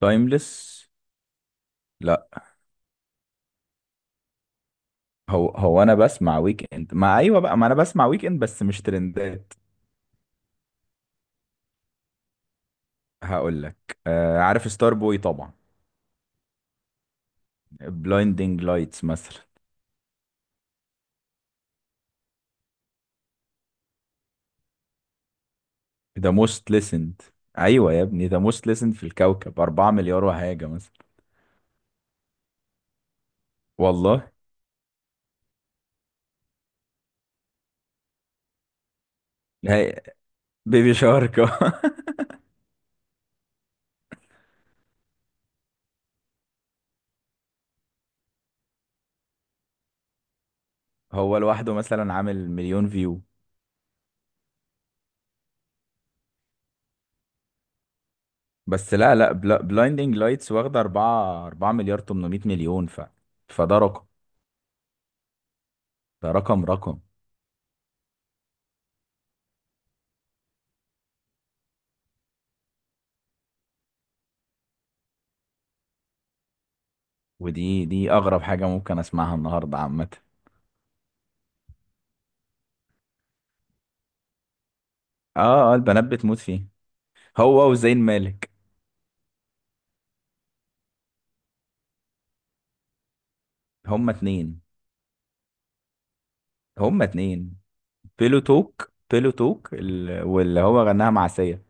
تايمليس. لا، هو انا بسمع ويك اند، ما ايوه بقى، ما انا بسمع ويك اند بس مش ترندات. هقول لك، عارف ستار بوي طبعا، بلايندينج لايتس مثلا. ذا موست ليسند. ايوه يا ابني، ذا موست ليسند في الكوكب 4 مليار وحاجه مثلا. والله هي بيبي شارك هو لوحده مثلا عامل مليون فيو؟ بس لا لا، بلايندينج لايتس واخده 4 مليار 800 مليون، فده رقم. ده رقم رقم. ودي اغرب حاجه ممكن اسمعها النهارده عامه. اه، البنات بتموت فيه، هو وزين مالك. هما اتنين. هما اتنين. بيلو توك، بيلو توك واللي هو غناها مع سيا.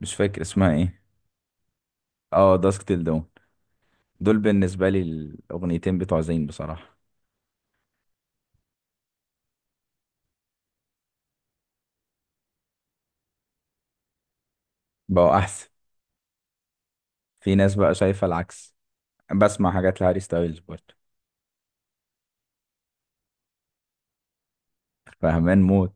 مش فاكر اسمها ايه. اه، داسك تيل دون. دول بالنسبه لي الاغنيتين بتوع زين بصراحه. بقوا احسن. في ناس بقى شايفه العكس. بسمع حاجات لهاري ستايلز برضه. فهمان موت.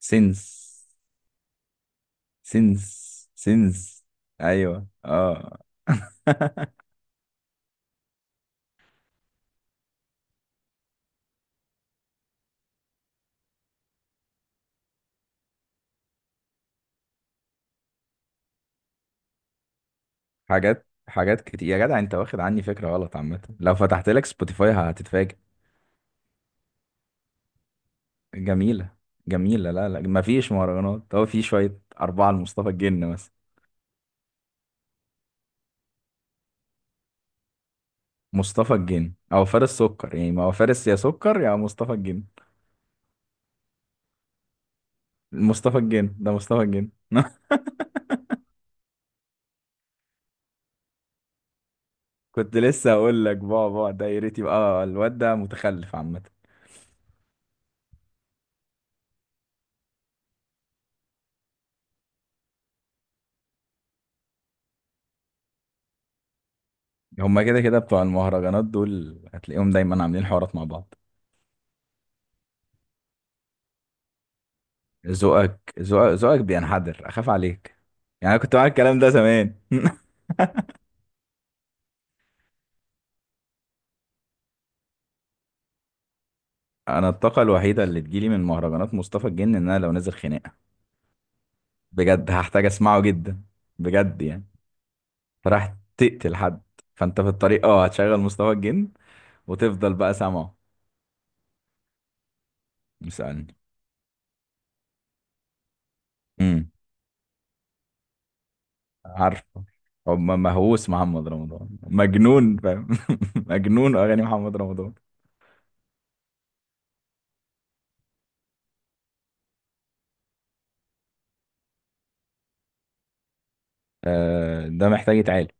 سينس. سينس. سينس. ايوه اه حاجات، حاجات كتير يا جدع، انت واخد عني فكرة غلط عامة. لو فتحت لك سبوتيفاي هتتفاجئ. جميلة، جميلة. لا لا، مفيش مهرجانات، هو في شوية أربعة لمصطفى الجن مثلا. مصطفى الجن أو فارس سكر، يعني ما هو فارس يا سكر يا مصطفى الجن. مصطفى الجن، ده مصطفى الجن كنت لسه هقول لك، بقى ده يا ريت يبقى الواد ده متخلف عامة. هما كده كده بتوع المهرجانات دول هتلاقيهم دايما عاملين حوارات مع بعض. ذوقك بينحدر، أخاف عليك. يعني أنا كنت معاك الكلام ده زمان انا الطاقه الوحيده اللي تجيلي من مهرجانات مصطفى الجن، ان انا لو نازل خناقه بجد هحتاج اسمعه جدا. بجد يعني. فراح تقتل حد، فانت في الطريق اه هتشغل مصطفى الجن وتفضل بقى سامعه. مسألني. امم. عارفه. هو مهووس محمد رمضان، مجنون فاهم مجنون اغاني محمد رمضان. آه، ده محتاج يتعالج.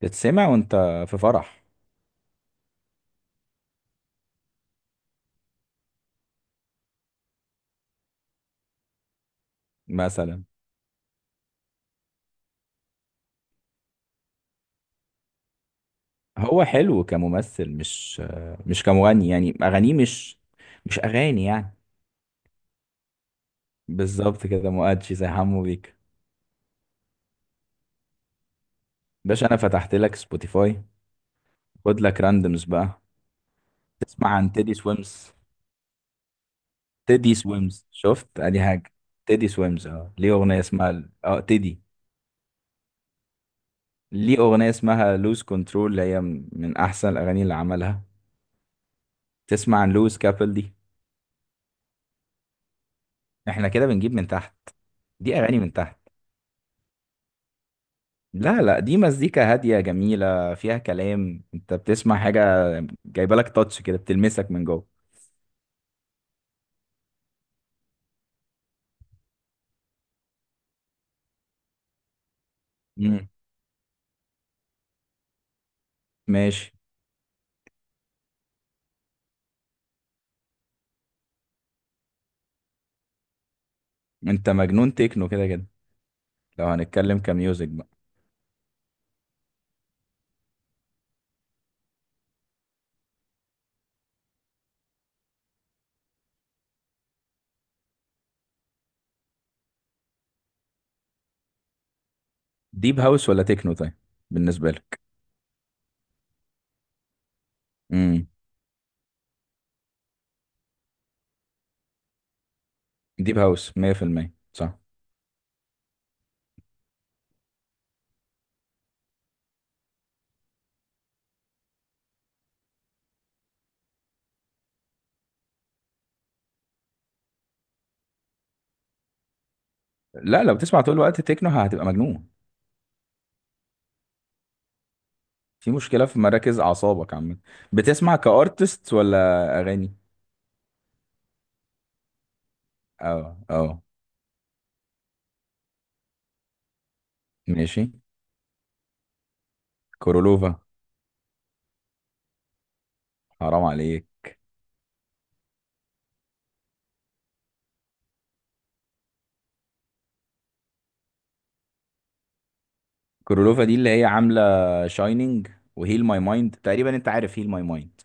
تتسمع وانت في فرح مثلا. هو حلو كممثل، مش مش كمغني، يعني اغانيه مش، مش اغاني يعني. بالظبط كده، مؤدشي زي حمو بيكا. باشا، انا فتحت لك سبوتيفاي، خد لك راندمز بقى. تسمع عن تيدي سويمز؟ تيدي سويمز، شفت ادي حاجه. تيدي سويمز، اه ليه اغنيه اسمها اه تيدي. ليه اغنيه اسمها لوز كنترول، اللي هي من احسن الاغاني اللي عملها. تسمع عن لوز كابل دي؟ احنا كده بنجيب من تحت. دي اغاني من تحت. لا لا، دي مزيكا هاديه جميله، فيها كلام، انت بتسمع حاجه جايبه لك تاتش كده، بتلمسك من جوه. مم. ماشي. انت مجنون تكنو كده كده، لو هنتكلم كميوزك بقى. ديب هاوس ولا تكنو طيب، بالنسبة لك؟ امم ديب هاوس 100% صح. لا، لو بتسمع طول الوقت تكنو هتبقى مجنون. في مشكلة في مراكز أعصابك عامة. بتسمع كأرتست ولا أغاني؟ اه اه. ماشي. كورولوفا، حرام عليك. كورولوفا دي اللي هي عاملة شاينينج، وهيل ماي مايند تقريبا. انت عارف هيل ماي مايند،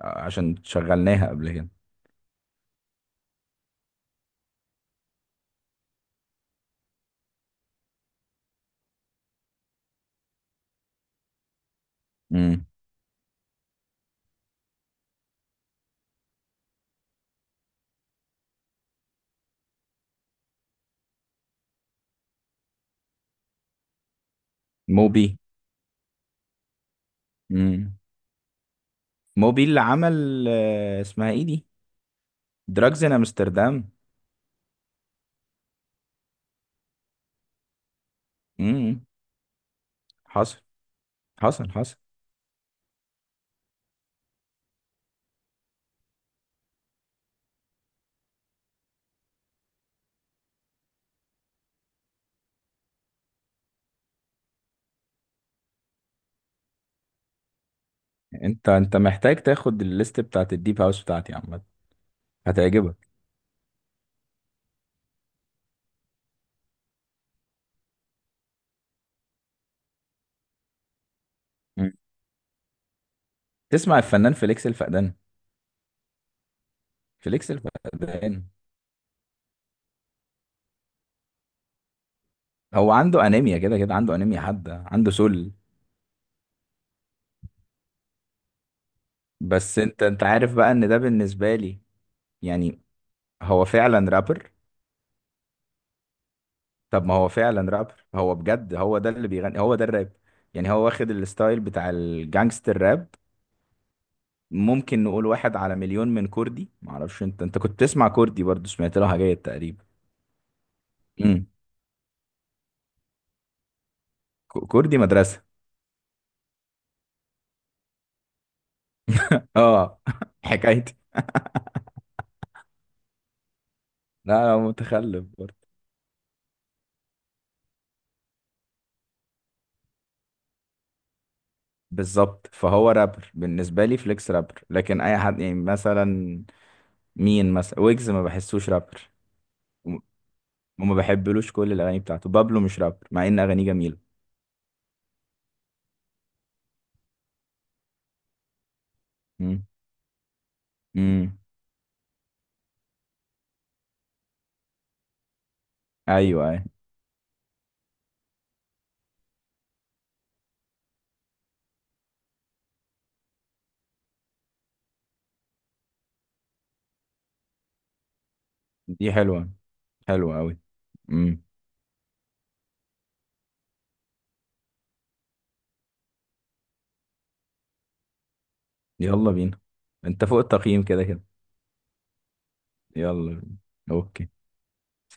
عشان شغلناها قبل كده. امم. موبي. امم موبي اللي عمل، اسمها ايه دي، دراجز ان امستردام. امم. حصل، حصل، حصل. انت محتاج تاخد الليست بتاعت الديب هاوس بتاعتي عامة، هتعجبك. مم. تسمع الفنان فليكس الفقدان؟ فليكس الفقدان هو عنده انيميا كده كده، عنده انيميا حادة، عنده سل. بس انت عارف بقى ان ده بالنسبة لي يعني هو فعلا رابر. طب ما هو فعلا رابر، هو بجد هو ده اللي بيغني، هو ده الراب يعني. هو واخد الستايل بتاع الجانجستر راب. ممكن نقول واحد على مليون من كردي. معرفش، انت كنت بتسمع كردي برضو؟ سمعت لها حاجات تقريبا. امم. كردي مدرسة. اه حكايتي. لا لا، متخلف برضو. بالظبط، فهو رابر بالنسبة لي، فليكس رابر. لكن اي حد يعني مثلا، مين مثلا، ويجز ما بحسوش رابر، وم- وما بحبلوش كل الاغاني بتاعته. بابلو مش رابر مع ان اغانيه جميلة. امم. امم. ايوه، ايوه. دي حلوة. حلوة قوي. امم. يلا بينا، انت فوق التقييم كده كده. يلا بينا. اوكي.